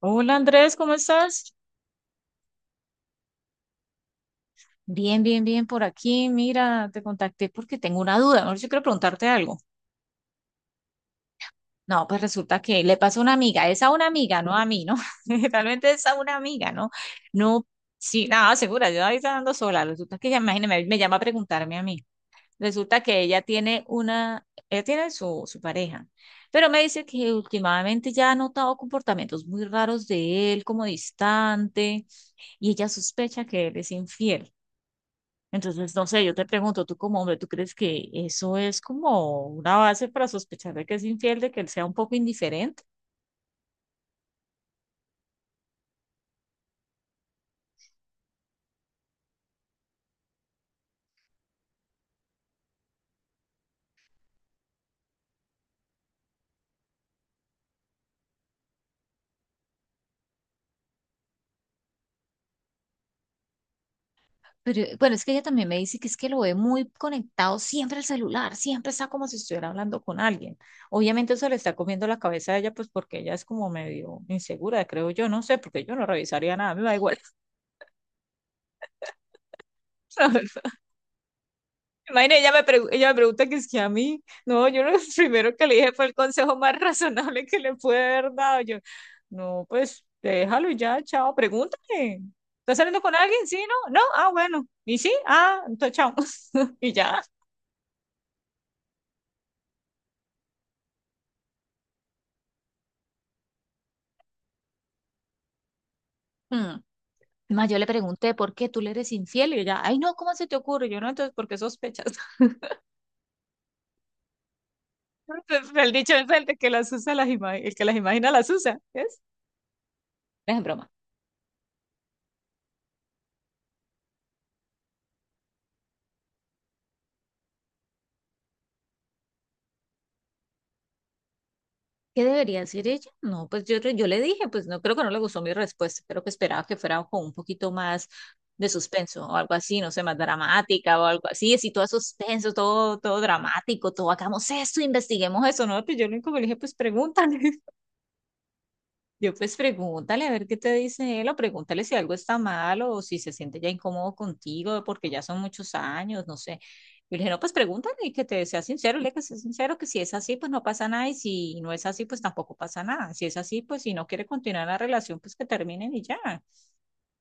Hola Andrés, ¿cómo estás? Bien, bien, bien por aquí. Mira, te contacté porque tengo una duda. No sé si quiero preguntarte algo. No, pues resulta que le pasó a una amiga. Es a una amiga, no a mí, ¿no? Realmente es a una amiga, ¿no? No, sí, nada, segura. Yo ahí está andando sola. Resulta que ella, imagínate, me llama a preguntarme a mí. Resulta que ella tiene una, ella tiene su pareja, pero me dice que últimamente ya ha notado comportamientos muy raros de él, como distante, y ella sospecha que él es infiel. Entonces, no sé, yo te pregunto, tú como hombre, ¿tú crees que eso es como una base para sospechar de que es infiel, de que él sea un poco indiferente? Pero bueno, es que ella también me dice que es que lo ve muy conectado siempre al celular, siempre está como si estuviera hablando con alguien. Obviamente eso le está comiendo la cabeza a ella, pues porque ella es como medio insegura, creo yo, no sé, porque yo no revisaría nada, me da igual. Imagínate, ella me pregunta que es que a mí, no, yo lo primero que le dije fue el consejo más razonable que le pude haber dado. Yo, no, pues déjalo y ya, chao, pregúntale. ¿Estás saliendo con alguien? Sí, no, no, ah, bueno. ¿Y sí? Ah, entonces chao. Y ya. Mm. Más yo le pregunté, ¿por qué tú le eres infiel? Y ella, ay, no, ¿cómo se te ocurre? Yo no, entonces, ¿por qué sospechas? El dicho es el de que las usa, las ima- el que las imagina las usa, ¿ves? Es en broma. ¿Qué debería decir ella? No, pues yo le dije, pues no creo que no le gustó mi respuesta, creo que esperaba que fuera con un poquito más de suspenso o algo así, no sé, más dramática o algo así, así todo suspenso, todo, todo dramático, todo hagamos esto, investiguemos eso, ¿no? Pues yo lo único que le dije, pues pregúntale. Yo pues pregúntale a ver qué te dice él o pregúntale si algo está mal o si se siente ya incómodo contigo porque ya son muchos años, no sé. Yo le dije, no, pues pregúntale y que te sea sincero, le que sea sincero, que si es así, pues no pasa nada y si no es así, pues tampoco pasa nada. Si es así, pues si no quiere continuar la relación, pues que terminen y ya.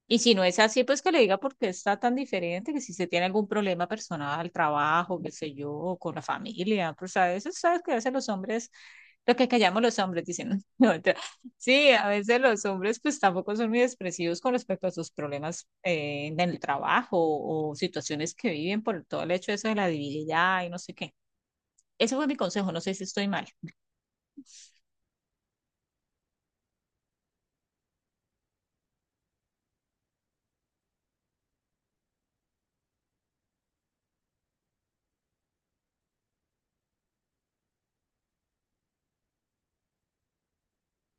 Y si no es así, pues que le diga por qué está tan diferente, que si se tiene algún problema personal, trabajo, qué sé yo, con la familia, pues a veces sabes que a veces los hombres lo que callamos los hombres, dicen. No, mentira. Sí, a veces los hombres pues tampoco son muy expresivos con respecto a sus problemas en el trabajo o situaciones que viven por todo el hecho de eso de la divinidad y no sé qué. Ese fue mi consejo, no sé si estoy mal.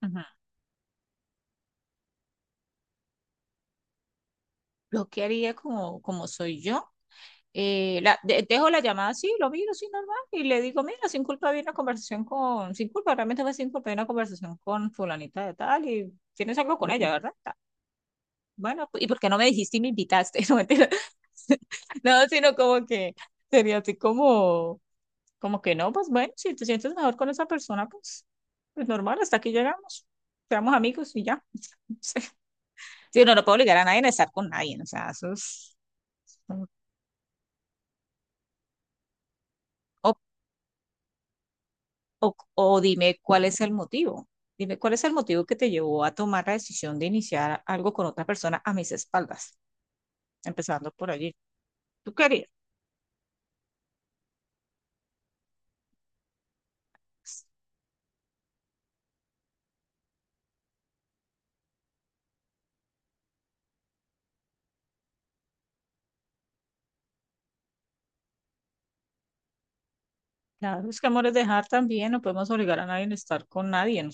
Ujú. Lo que haría como, como soy yo, dejo la llamada así, lo miro así normal y le digo, mira, sin culpa había una conversación con, sin culpa, realmente fue sin culpa, había una conversación con fulanita de tal y tienes algo con ella, ¿verdad? Ta. Bueno, pues, ¿y por qué no me dijiste y me invitaste? No, No, sino como que sería así como, como que no, pues bueno, si te sientes mejor con esa persona, pues, pues normal, hasta aquí llegamos. Seamos amigos y ya. Sí, no, no puedo obligar a nadie a estar con nadie, o sea, eso es... O, o dime cuál es el motivo. Dime cuál es el motivo que te llevó a tomar la decisión de iniciar algo con otra persona a mis espaldas, empezando por allí. ¿Tú querías? Claro, es que amor es dejar también, no podemos obligar a nadie a estar con nadie, ¿no?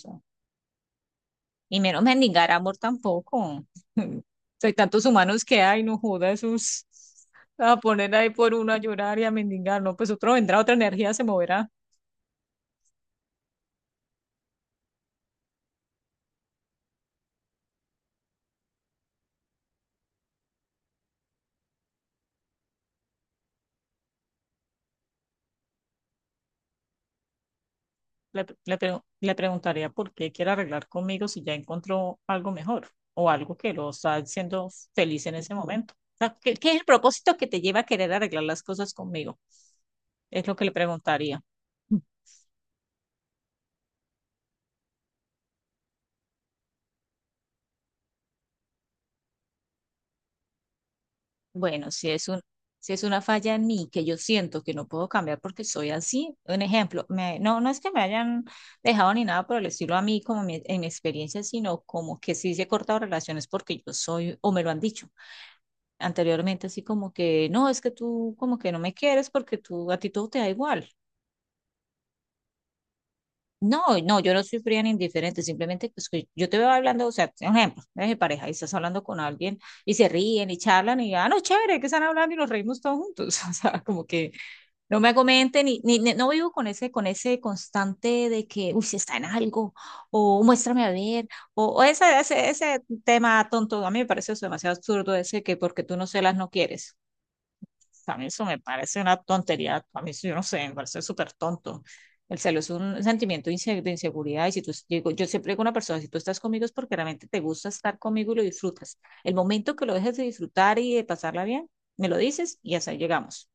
Y menos mendigar amor tampoco. Hay tantos humanos que hay, no joda esos. A poner ahí por uno a llorar y a mendigar, no, pues otro vendrá, otra energía se moverá. Le preguntaría por qué quiere arreglar conmigo si ya encontró algo mejor o algo que lo está haciendo feliz en ese momento. O sea, ¿ qué es el propósito que te lleva a querer arreglar las cosas conmigo? Es lo que le preguntaría. Bueno, si es un, si es una falla en mí que yo siento que no puedo cambiar porque soy así, un ejemplo, no, no es que me hayan dejado ni nada por el estilo a mí en mi experiencia, sino como que sí se he cortado relaciones porque yo soy, o me lo han dicho anteriormente, así como que no, es que tú como que no me quieres porque tú, a ti todo te da igual. No, no, yo no soy fría ni indiferente, simplemente pues, que yo te veo hablando, o sea, un ejemplo, eres de pareja y estás hablando con alguien y se ríen y charlan y, ah, no, chévere, que están hablando y nos reímos todos juntos, o sea, como que no me comenten no vivo con ese constante de que, uy, si está en algo, o muéstrame a ver, o ese, ese tema tonto, a mí me parece eso demasiado absurdo ese que porque tú no celas no quieres a mí eso me parece una tontería, a mí eso yo no sé, me parece súper tonto. El celo es un sentimiento de inseguridad y si tú, digo, yo siempre digo a una persona, si tú estás conmigo es porque realmente te gusta estar conmigo y lo disfrutas. El momento que lo dejes de disfrutar y de pasarla bien, me lo dices y hasta ahí llegamos.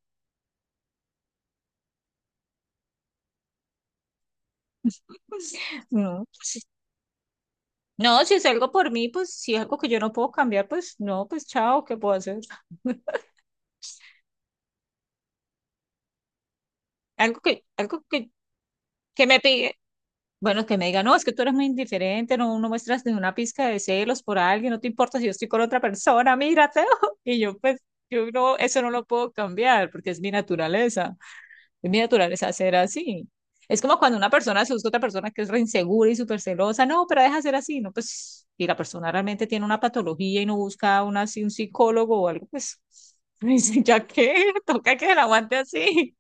No, pues, no, si es algo por mí, pues si es algo que yo no puedo cambiar, pues no, pues chao, ¿qué puedo hacer? Algo que me pide, Bueno, que me diga, no, es que tú eres muy indiferente, no, no muestras ni una pizca de celos por alguien, no te importa si yo estoy con otra persona, mírate. Y yo, pues, yo no, eso no lo puedo cambiar porque es mi naturaleza. Es mi naturaleza ser así. Es como cuando una persona se busca otra persona que es re insegura y súper celosa, no, pero deja ser así, no, pues, y la persona realmente tiene una patología y no busca una, así, un psicólogo o algo, pues, dice, ¿ya qué? Toca que la aguante así.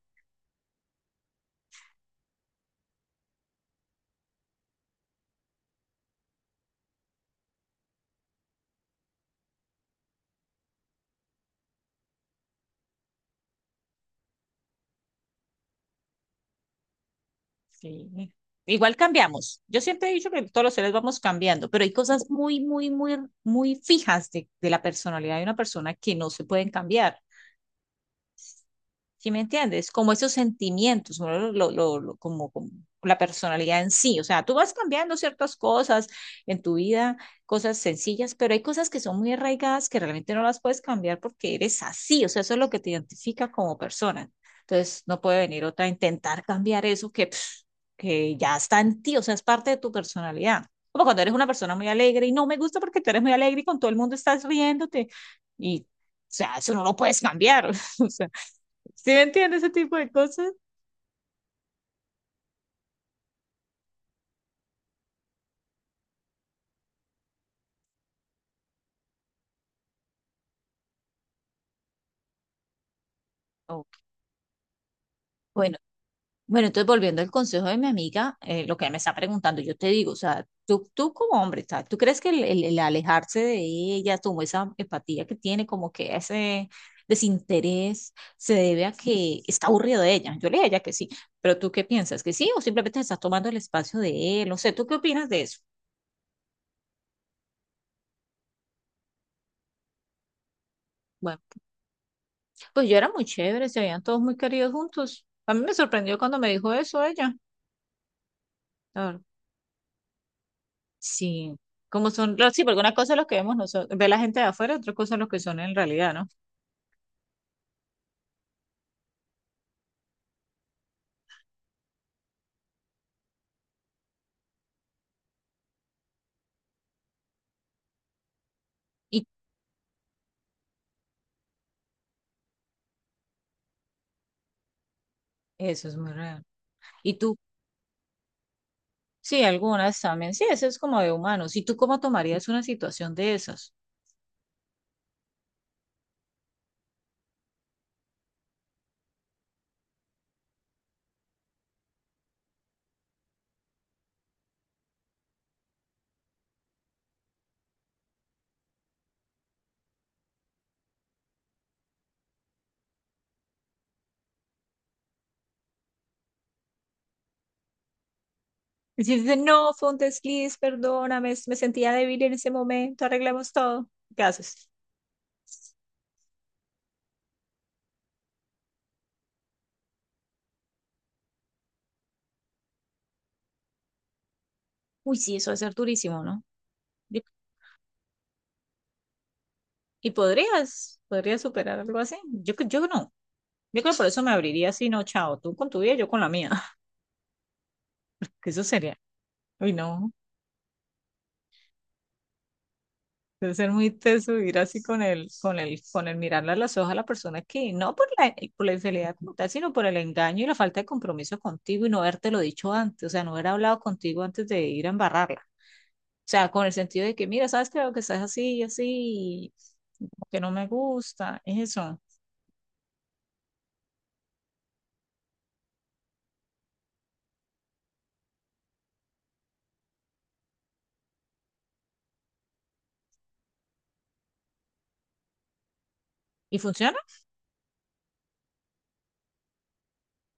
Sí. Igual cambiamos. Yo siempre he dicho que todos los seres vamos cambiando, pero hay cosas muy, muy, muy, muy fijas de la personalidad de una persona que no se pueden cambiar. ¿Sí me entiendes? Como esos sentimientos, ¿no? Como la personalidad en sí. O sea, tú vas cambiando ciertas cosas en tu vida, cosas sencillas, pero hay cosas que son muy arraigadas que realmente no las puedes cambiar porque eres así. O sea, eso es lo que te identifica como persona. Entonces, no puede venir otra a intentar cambiar eso que, pf, que ya está en ti, o sea, es parte de tu personalidad. Como cuando eres una persona muy alegre y no me gusta porque tú eres muy alegre y con todo el mundo estás riéndote. Y, o sea, eso no lo puedes cambiar. O sea. ¿Sí me entiendes ese tipo de cosas? Ok, bueno, bueno, entonces volviendo al consejo de mi amiga, lo que ella me está preguntando, yo te digo, o sea, tú como hombre, o sea, ¿tú crees que el alejarse de ella, como esa empatía que tiene, como que ese desinterés, se debe a que está aburrido de ella? Yo le diría a ella que sí, pero ¿tú qué piensas? ¿Que sí o simplemente estás tomando el espacio de él? No sé, ¿tú qué opinas de eso? Bueno, pues yo era muy chévere, se habían todos muy queridos juntos. A mí me sorprendió cuando me dijo eso ella. Sí, como son, sí, porque una cosa es los que vemos nosotros, ve la gente de afuera, otra cosa es lo que son en realidad, ¿no? Y eso es muy real. Y tú, sí, algunas también, sí, eso es como de humanos. ¿Y tú cómo tomarías una situación de esas? Y si dicen, no, fue un desliz, perdóname, me sentía débil en ese momento, arreglemos todo. ¿Qué haces? Uy, sí, eso va a ser durísimo, ¿no? Yo- Y podrías, podrías superar algo así. Yo, yo no. Yo creo que por eso me abriría así, no, chao, tú con tu vida, yo con la mía. Que eso sería. Uy, no. Debe ser muy teso ir así con el, con el, con el mirarle a los ojos a la persona que, no por la, por la infidelidad como tal, sino por el engaño y la falta de compromiso contigo y no haberte lo dicho antes, o sea, no haber hablado contigo antes de ir a embarrarla. O sea, con el sentido de que, mira, sabes que veo que estás así y así, y como que no me gusta, es eso. ¿Y funciona?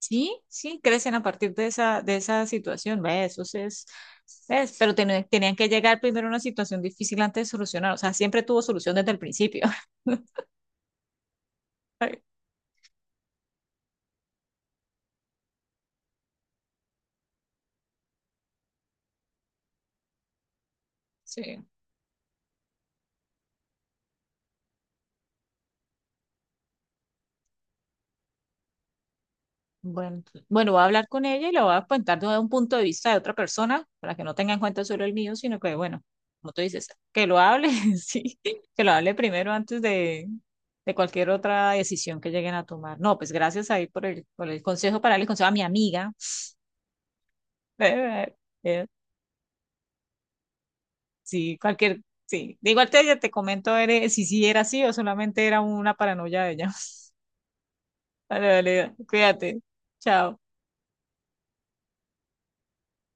Sí, sí, crecen a partir de esa situación, ¿ves? Eso sí es, ¿ves? Pero tenían que llegar primero a una situación difícil antes de solucionar, o sea, siempre tuvo solución desde el principio. Sí. Bueno, bueno, voy a hablar con ella y le voy a contar desde un punto de vista de otra persona, para que no tenga en cuenta solo el mío, sino que, bueno, como tú dices, que lo hable, sí, que lo hable primero antes de cualquier otra decisión que lleguen a tomar. No, pues gracias ahí por el consejo para darle consejo a mi amiga. Eh, eh, Sí, cualquier, sí. De igual te, te comento eres, si sí era así o solamente era una paranoia de ella. Vale, vale, cuídate. Chao.